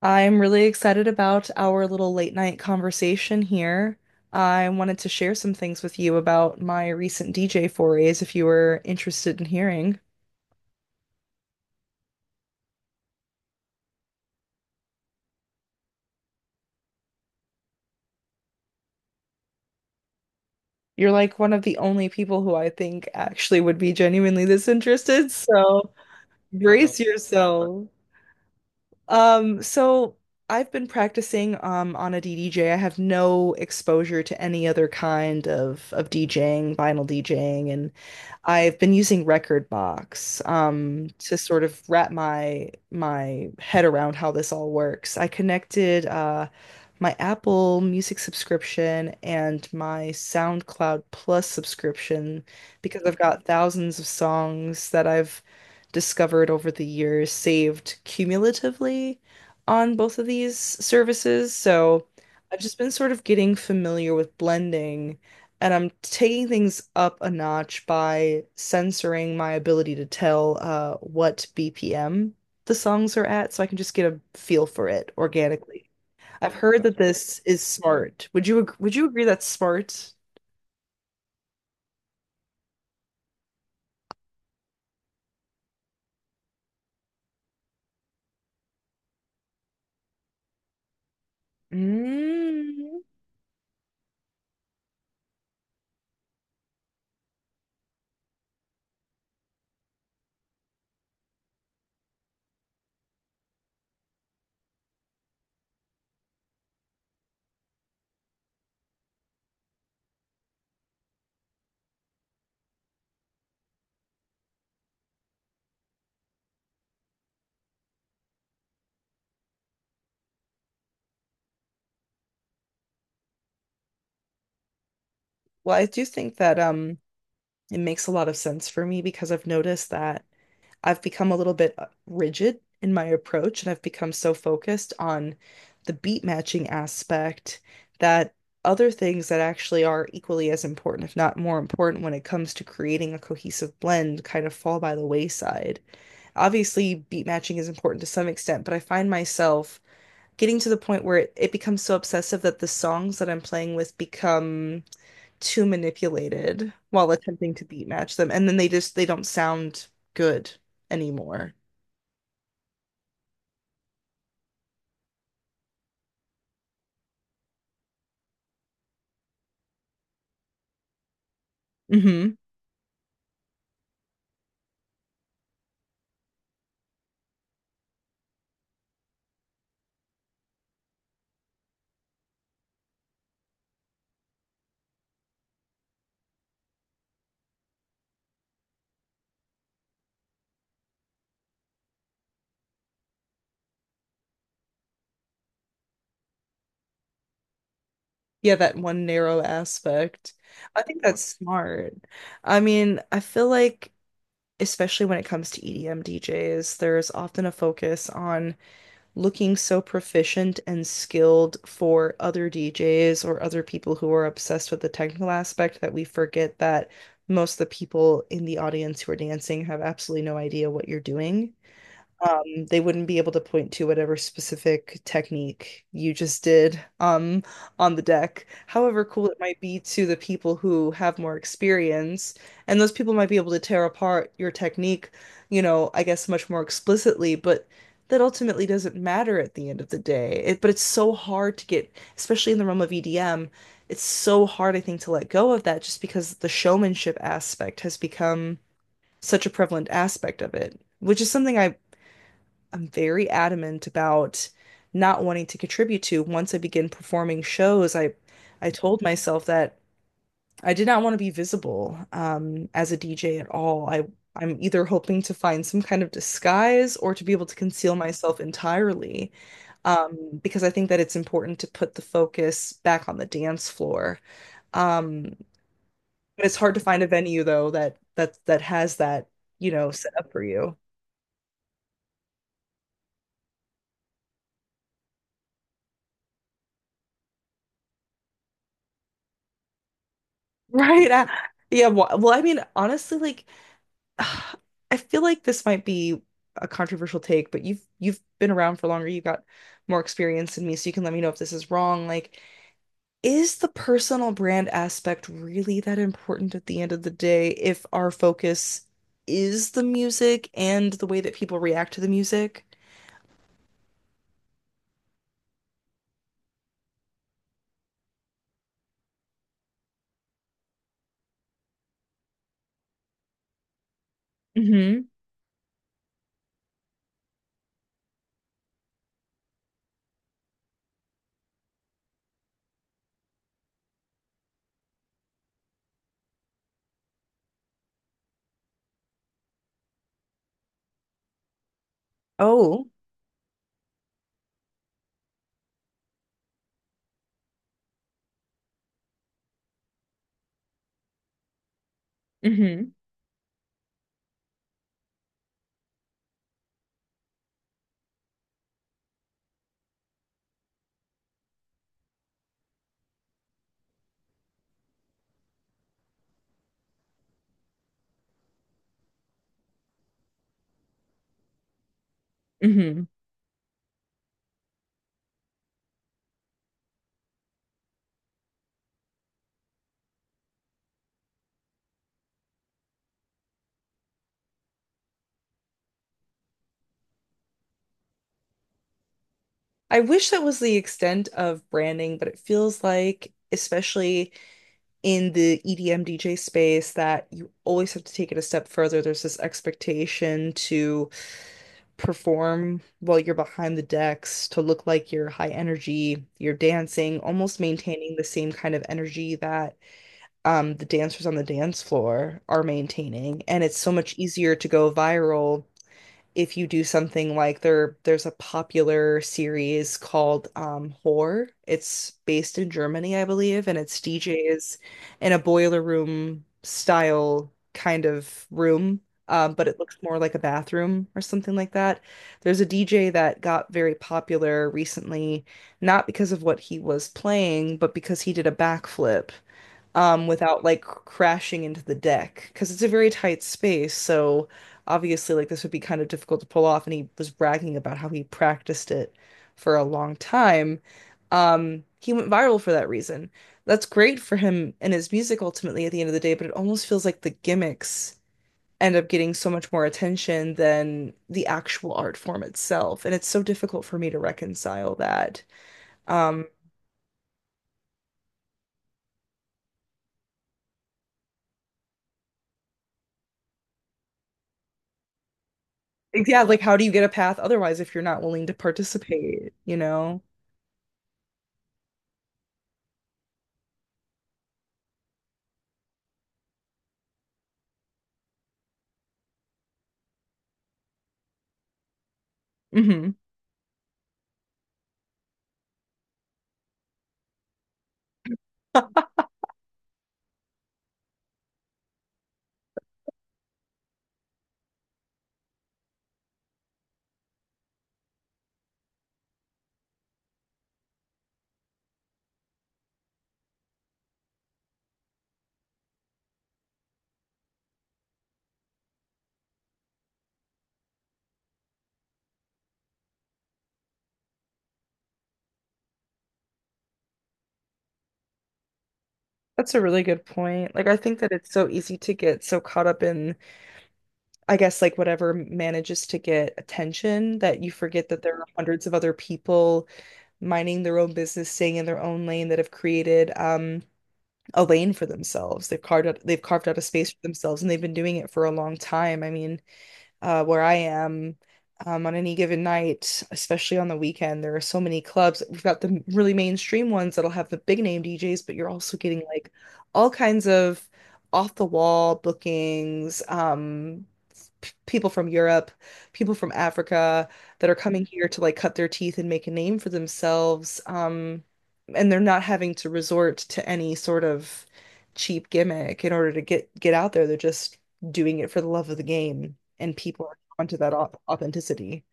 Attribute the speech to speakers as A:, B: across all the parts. A: I'm really excited about our little late night conversation here. I wanted to share some things with you about my recent DJ forays if you were interested in hearing. You're like one of the only people who I think actually would be genuinely this interested, so brace yourself. So I've been practicing on a DDJ. I have no exposure to any other kind of DJing, vinyl DJing, and I've been using Record, to sort of wrap my head around how this all works. I connected, my Apple Music subscription and my SoundCloud Plus subscription because I've got thousands of songs that I've discovered over the years saved cumulatively on both of these services. So I've just been sort of getting familiar with blending. And I'm taking things up a notch by censoring my ability to tell, what BPM the songs are at, so I can just get a feel for it organically. I've heard that this is smart. Would you agree that's smart? Mm. Well, I do think that it makes a lot of sense for me because I've noticed that I've become a little bit, rigid in my approach and I've become so focused on the beat matching aspect that other things that actually are equally as important, if not more important, when it comes to creating a cohesive blend kind of fall by the wayside. Obviously, beat matching is important to some extent, but I find myself getting to the point where it becomes so obsessive that the songs that I'm playing with become too manipulated while attempting to beat match them. And then they don't sound good anymore. Hmm. Yeah, that one narrow aspect. I think that's smart. I mean, I feel like especially when it comes to EDM DJs, there's often a focus on looking so proficient and skilled for other DJs or other people who are obsessed with the technical aspect that we forget that most of the people in the audience who are dancing have absolutely no idea what you're doing. They wouldn't be able to point to whatever specific technique you just did on the deck, however cool it might be to the people who have more experience, and those people might be able to tear apart your technique, you know, I guess much more explicitly. But that ultimately doesn't matter at the end of the day but it's so hard to get, especially in the realm of EDM. It's so hard, I think, to let go of that just because the showmanship aspect has become such a prevalent aspect of it, which is something I'm very adamant about not wanting to contribute to once I begin performing shows. I told myself that I did not want to be visible, as a DJ at all. I I'm either hoping to find some kind of disguise or to be able to conceal myself entirely, because I think that it's important to put the focus back on the dance floor. Um, it's hard to find a venue though that has that, you know, set up for you. Right. Yeah. Well, I mean, honestly, like I feel like this might be a controversial take, but you've been around for longer, you've got more experience than me, so you can let me know if this is wrong. Like, is the personal brand aspect really that important at the end of the day if our focus is the music and the way that people react to the music? Hmm. Oh. Hmm. Hmm. I wish that was the extent of branding, but it feels like, especially in the EDM DJ space, that you always have to take it a step further. There's this expectation to perform while you're behind the decks, to look like you're high energy, you're dancing, almost maintaining the same kind of energy that, the dancers on the dance floor are maintaining. And it's so much easier to go viral if you do something like there's a popular series called Whore. It's based in Germany, I believe, and it's DJs in a boiler room style kind of room. But it looks more like a bathroom or something like that. There's a DJ that got very popular recently, not because of what he was playing, but because he did a backflip, without like crashing into the deck because it's a very tight space. So obviously, like this would be kind of difficult to pull off. And he was bragging about how he practiced it for a long time. He went viral for that reason. That's great for him and his music ultimately at the end of the day, but it almost feels like the gimmicks end up getting so much more attention than the actual art form itself. And it's so difficult for me to reconcile that. Um. Yeah, like how do you get a path otherwise if you're not willing to participate, you know? Hmm. That's a really good point. Like I think that it's so easy to get so caught up in, I guess, like whatever manages to get attention, that you forget that there are hundreds of other people minding their own business, staying in their own lane, that have created a lane for themselves. They've carved out a space for themselves and they've been doing it for a long time. I mean, where I am, on any given night, especially on the weekend, there are so many clubs. We've got the really mainstream ones that'll have the big name DJs, but you're also getting like all kinds of off the wall bookings. People from Europe, people from Africa that are coming here to like cut their teeth and make a name for themselves. And they're not having to resort to any sort of cheap gimmick in order to get out there. They're just doing it for the love of the game, and people are onto that authenticity.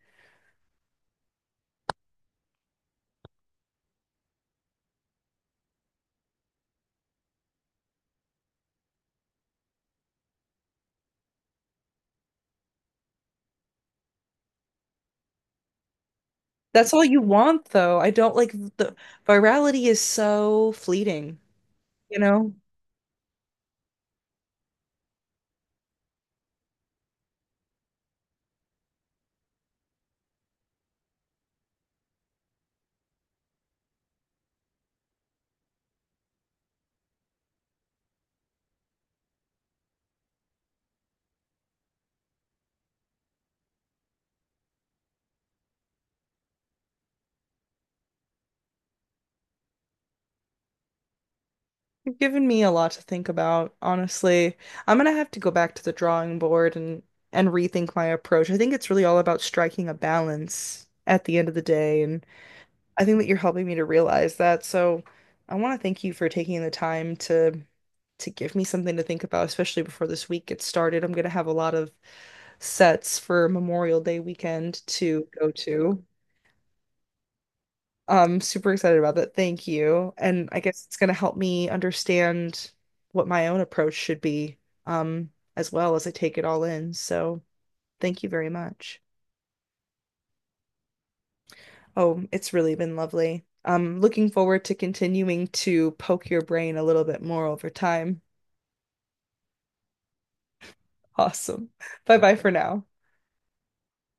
A: That's all you want, though. I don't like the— virality is so fleeting, you know? You've given me a lot to think about, honestly. I'm gonna have to go back to the drawing board and rethink my approach. I think it's really all about striking a balance at the end of the day, and I think that you're helping me to realize that. So I want to thank you for taking the time to give me something to think about, especially before this week gets started. I'm going to have a lot of sets for Memorial Day weekend to go to. I'm super excited about that. Thank you. And I guess it's going to help me understand what my own approach should be, um, as well as I take it all in. So thank you very much. Oh, it's really been lovely. I'm looking forward to continuing to poke your brain a little bit more over time. Awesome. Bye bye for now.